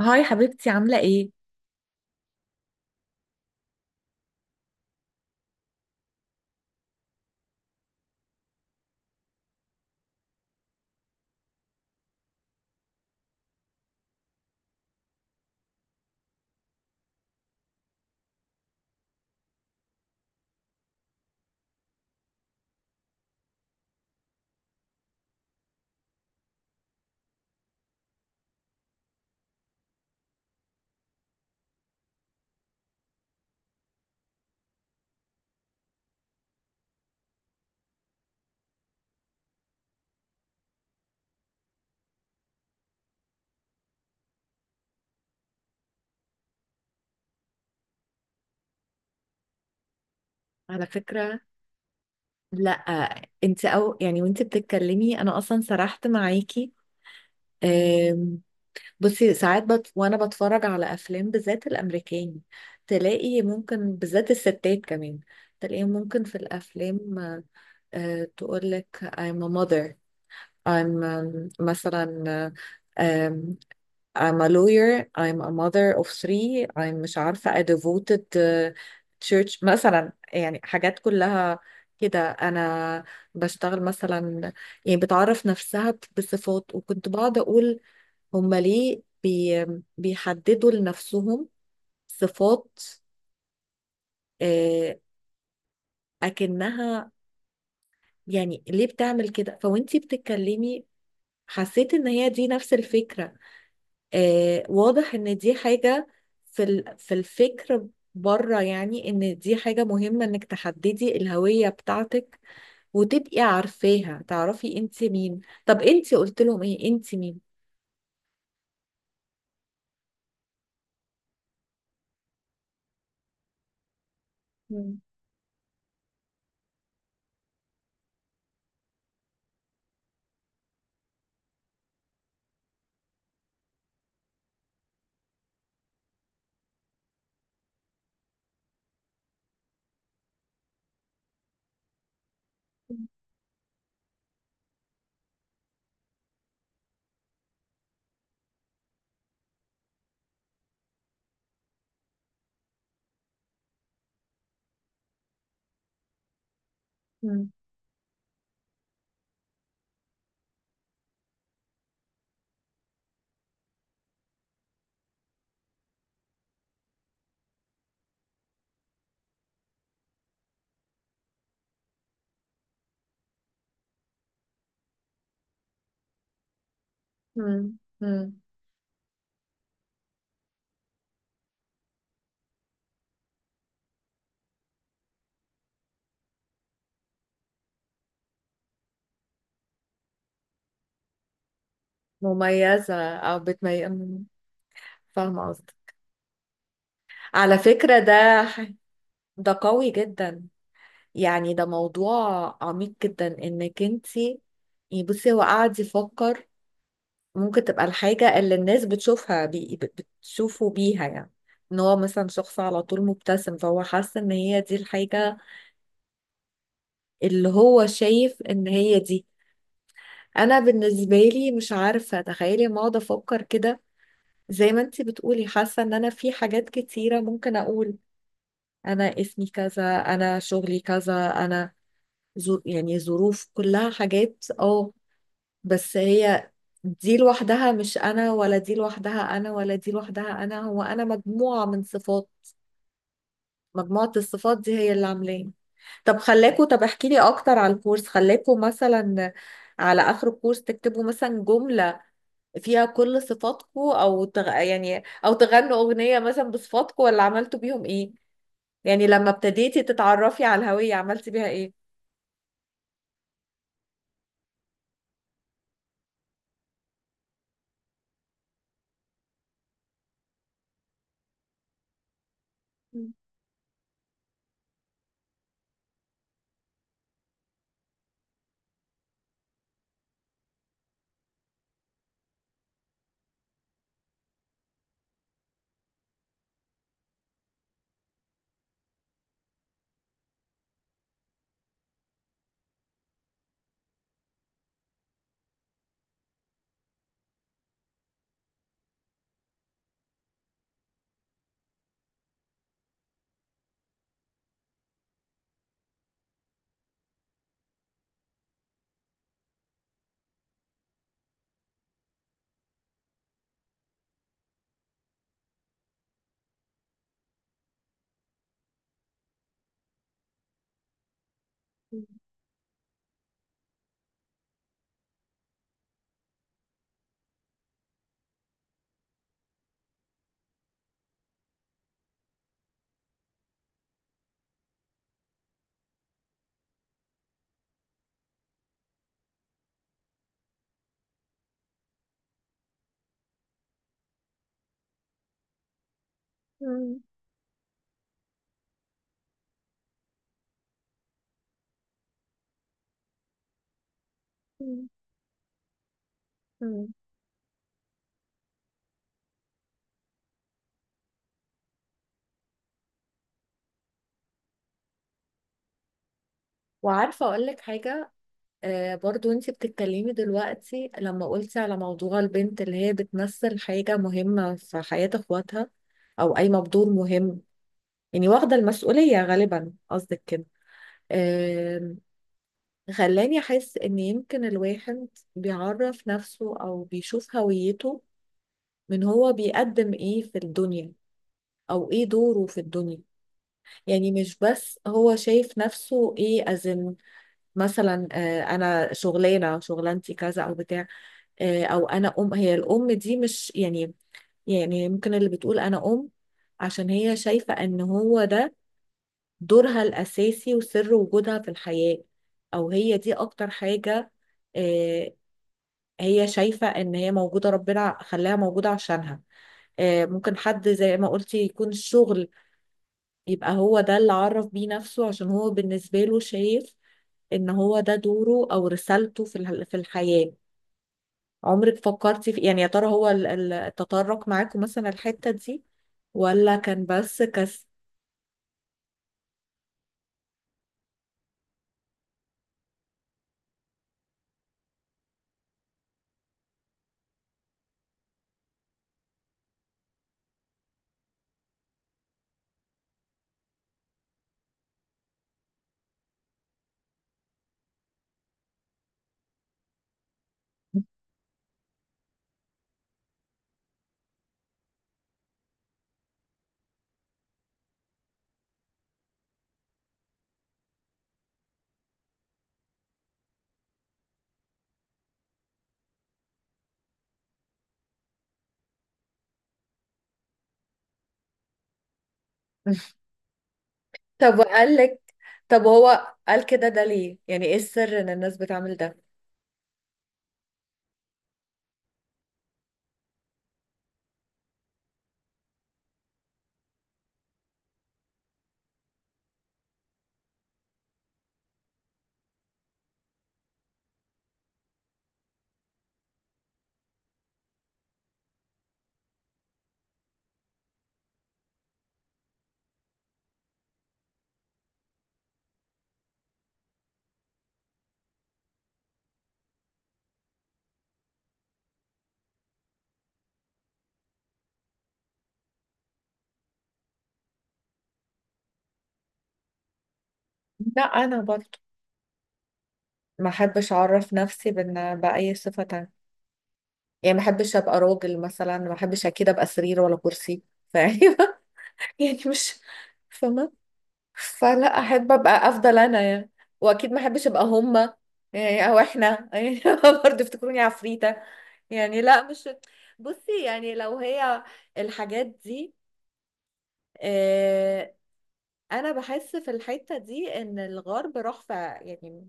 هاي حبيبتي، عاملة ايه؟ على فكرة لا. انت او يعني وانت بتتكلمي انا اصلا سرحت معاكي. أم، بصي ساعات وانا بتفرج على افلام بالذات الامريكاني، تلاقي ممكن، بالذات الستات كمان، تلاقيهم ممكن في الافلام تقول لك I'm a mother، I'm مثلا I'm a lawyer, I'm a mother of three, I'm مش عارفة a devoted church، مثلا يعني حاجات كلها كده. أنا بشتغل مثلا، يعني بتعرف نفسها بصفات. وكنت بقعد أقول هما ليه بي بيحددوا لنفسهم صفات؟ آه، أكنها يعني ليه بتعمل كده؟ فوانتي بتتكلمي حسيت إن هي دي نفس الفكرة. واضح ان دي حاجة في في الفكر بره، يعني ان دي حاجة مهمة انك تحددي الهوية بتاعتك وتبقي عارفاها، تعرفي انت مين. طب انت قلت لهم ايه؟ انت مين؟ مم. مم. مم. مم. مميزة او مم. فاهمة قصدي. على فكرة ده ده قوي جدا، يعني ده موضوع عميق جدا، انك انت يعني بصي هو قاعد يفكر ممكن تبقى الحاجة اللي الناس بتشوفه بيها، يعني ان هو مثلا شخص على طول مبتسم، فهو حاسس ان هي دي الحاجة اللي هو شايف ان هي دي. انا بالنسبة لي مش عارفة، تخيلي، ما اقعد افكر كده زي ما انتي بتقولي. حاسة ان انا في حاجات كتيرة ممكن اقول انا اسمي كذا، انا شغلي كذا، انا يعني ظروف، كلها حاجات، اه، بس هي دي لوحدها مش انا، ولا دي لوحدها انا، ولا دي لوحدها انا. هو انا مجموعة من صفات، مجموعة الصفات دي هي اللي عاملاني. طب خلاكوا، طب احكي لي اكتر على الكورس. خلاكوا مثلا على اخر الكورس تكتبوا مثلا جملة فيها كل صفاتكوا، او يعني او تغنوا اغنية مثلا بصفاتكوا، ولا عملتوا بيهم ايه؟ يعني لما ابتديتي تتعرفي على الهوية عملتي بيها ايه؟ وعارفة اقول لك حاجة، آه برضو انتي بتتكلمي دلوقتي لما قلتي على موضوع البنت اللي هي بتمثل حاجة مهمة في حياة اخواتها، او قايمة بدور مهم، يعني واخدة المسؤولية غالبا قصدك كده، آه، خلاني احس ان يمكن الواحد بيعرف نفسه او بيشوف هويته من هو بيقدم ايه في الدنيا، او ايه دوره في الدنيا. يعني مش بس هو شايف نفسه ايه as in مثلا آه انا شغلانة، شغلانتي كذا او بتاع، او انا ام. هي الام دي مش يعني، يعني ممكن اللي بتقول انا ام عشان هي شايفة ان هو ده دورها الاساسي وسر وجودها في الحياة، او هي دي اكتر حاجة. آه، هي شايفة ان هي موجودة، ربنا خلاها موجودة عشانها. ممكن حد زي ما قلتي يكون الشغل يبقى هو ده اللي عرف بيه نفسه، عشان هو بالنسبة له شايف ان هو ده دوره او رسالته في في الحياة. عمرك فكرتي في يعني يا ترى هو التطرق معاكم مثلا الحتة دي، ولا كان بس كسل؟ طب وقال لك، طب هو قال كده ده ليه؟ يعني ايه السر ان الناس بتعمل ده؟ لا انا برضه ما احبش اعرف نفسي بان باي صفه تانية. يعني ما احبش ابقى راجل مثلا، ما احبش اكيد ابقى سرير ولا كرسي. فاهمة؟ يعني مش فاهمة. فلا، احب ابقى، افضل انا يعني. واكيد ما احبش ابقى هما، يعني او احنا يعني، برضه افتكروني عفريتة. يعني لا، مش، بصي يعني لو هي الحاجات دي، آه، انا بحس في الحتة دي ان الغرب راح في، يعني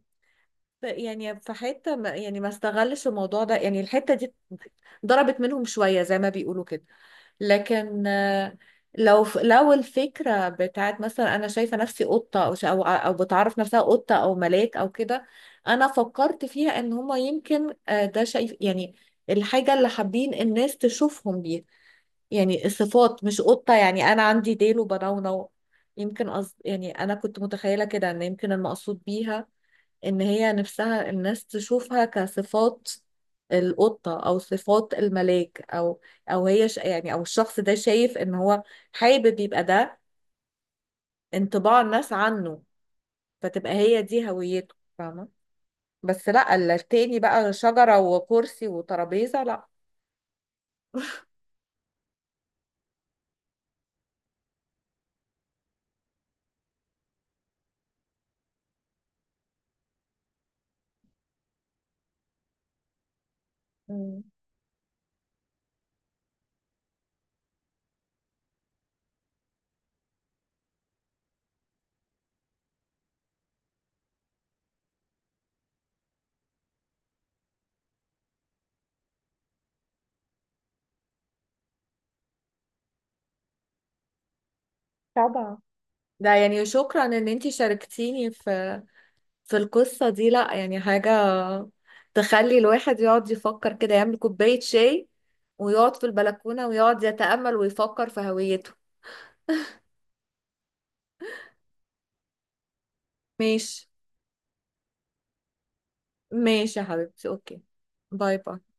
يعني في حتة ما، يعني ما استغلش الموضوع ده. يعني الحتة دي ضربت منهم شوية زي ما بيقولوا كده. لكن لو لو الفكرة بتاعت مثلا انا شايفة نفسي قطة، او أو بتعرف نفسها قطة او ملاك او كده، انا فكرت فيها ان هما يمكن، ده شايف يعني الحاجة اللي حابين الناس تشوفهم بيها، يعني الصفات مش قطة يعني أنا عندي ديل وبنونو. يمكن قصد يعني، أنا كنت متخيلة كده إن يمكن المقصود بيها إن هي نفسها الناس تشوفها كصفات القطة، أو صفات الملاك، أو أو هي يعني أو الشخص ده شايف إن هو حابب يبقى ده انطباع الناس عنه، فتبقى هي دي هويته. فاهمة. بس لا، التاني بقى شجرة وكرسي وترابيزة، لا. مم. طبعا. ده يعني شكرا ان انتي شاركتيني في في القصة دي. لا يعني حاجة تخلي الواحد يقعد يفكر كده، يعمل كوباية شاي ويقعد في البلكونة ويقعد يتأمل ويفكر في هويته. ماشي. ماشي يا حبيبتي، اوكي. باي باي.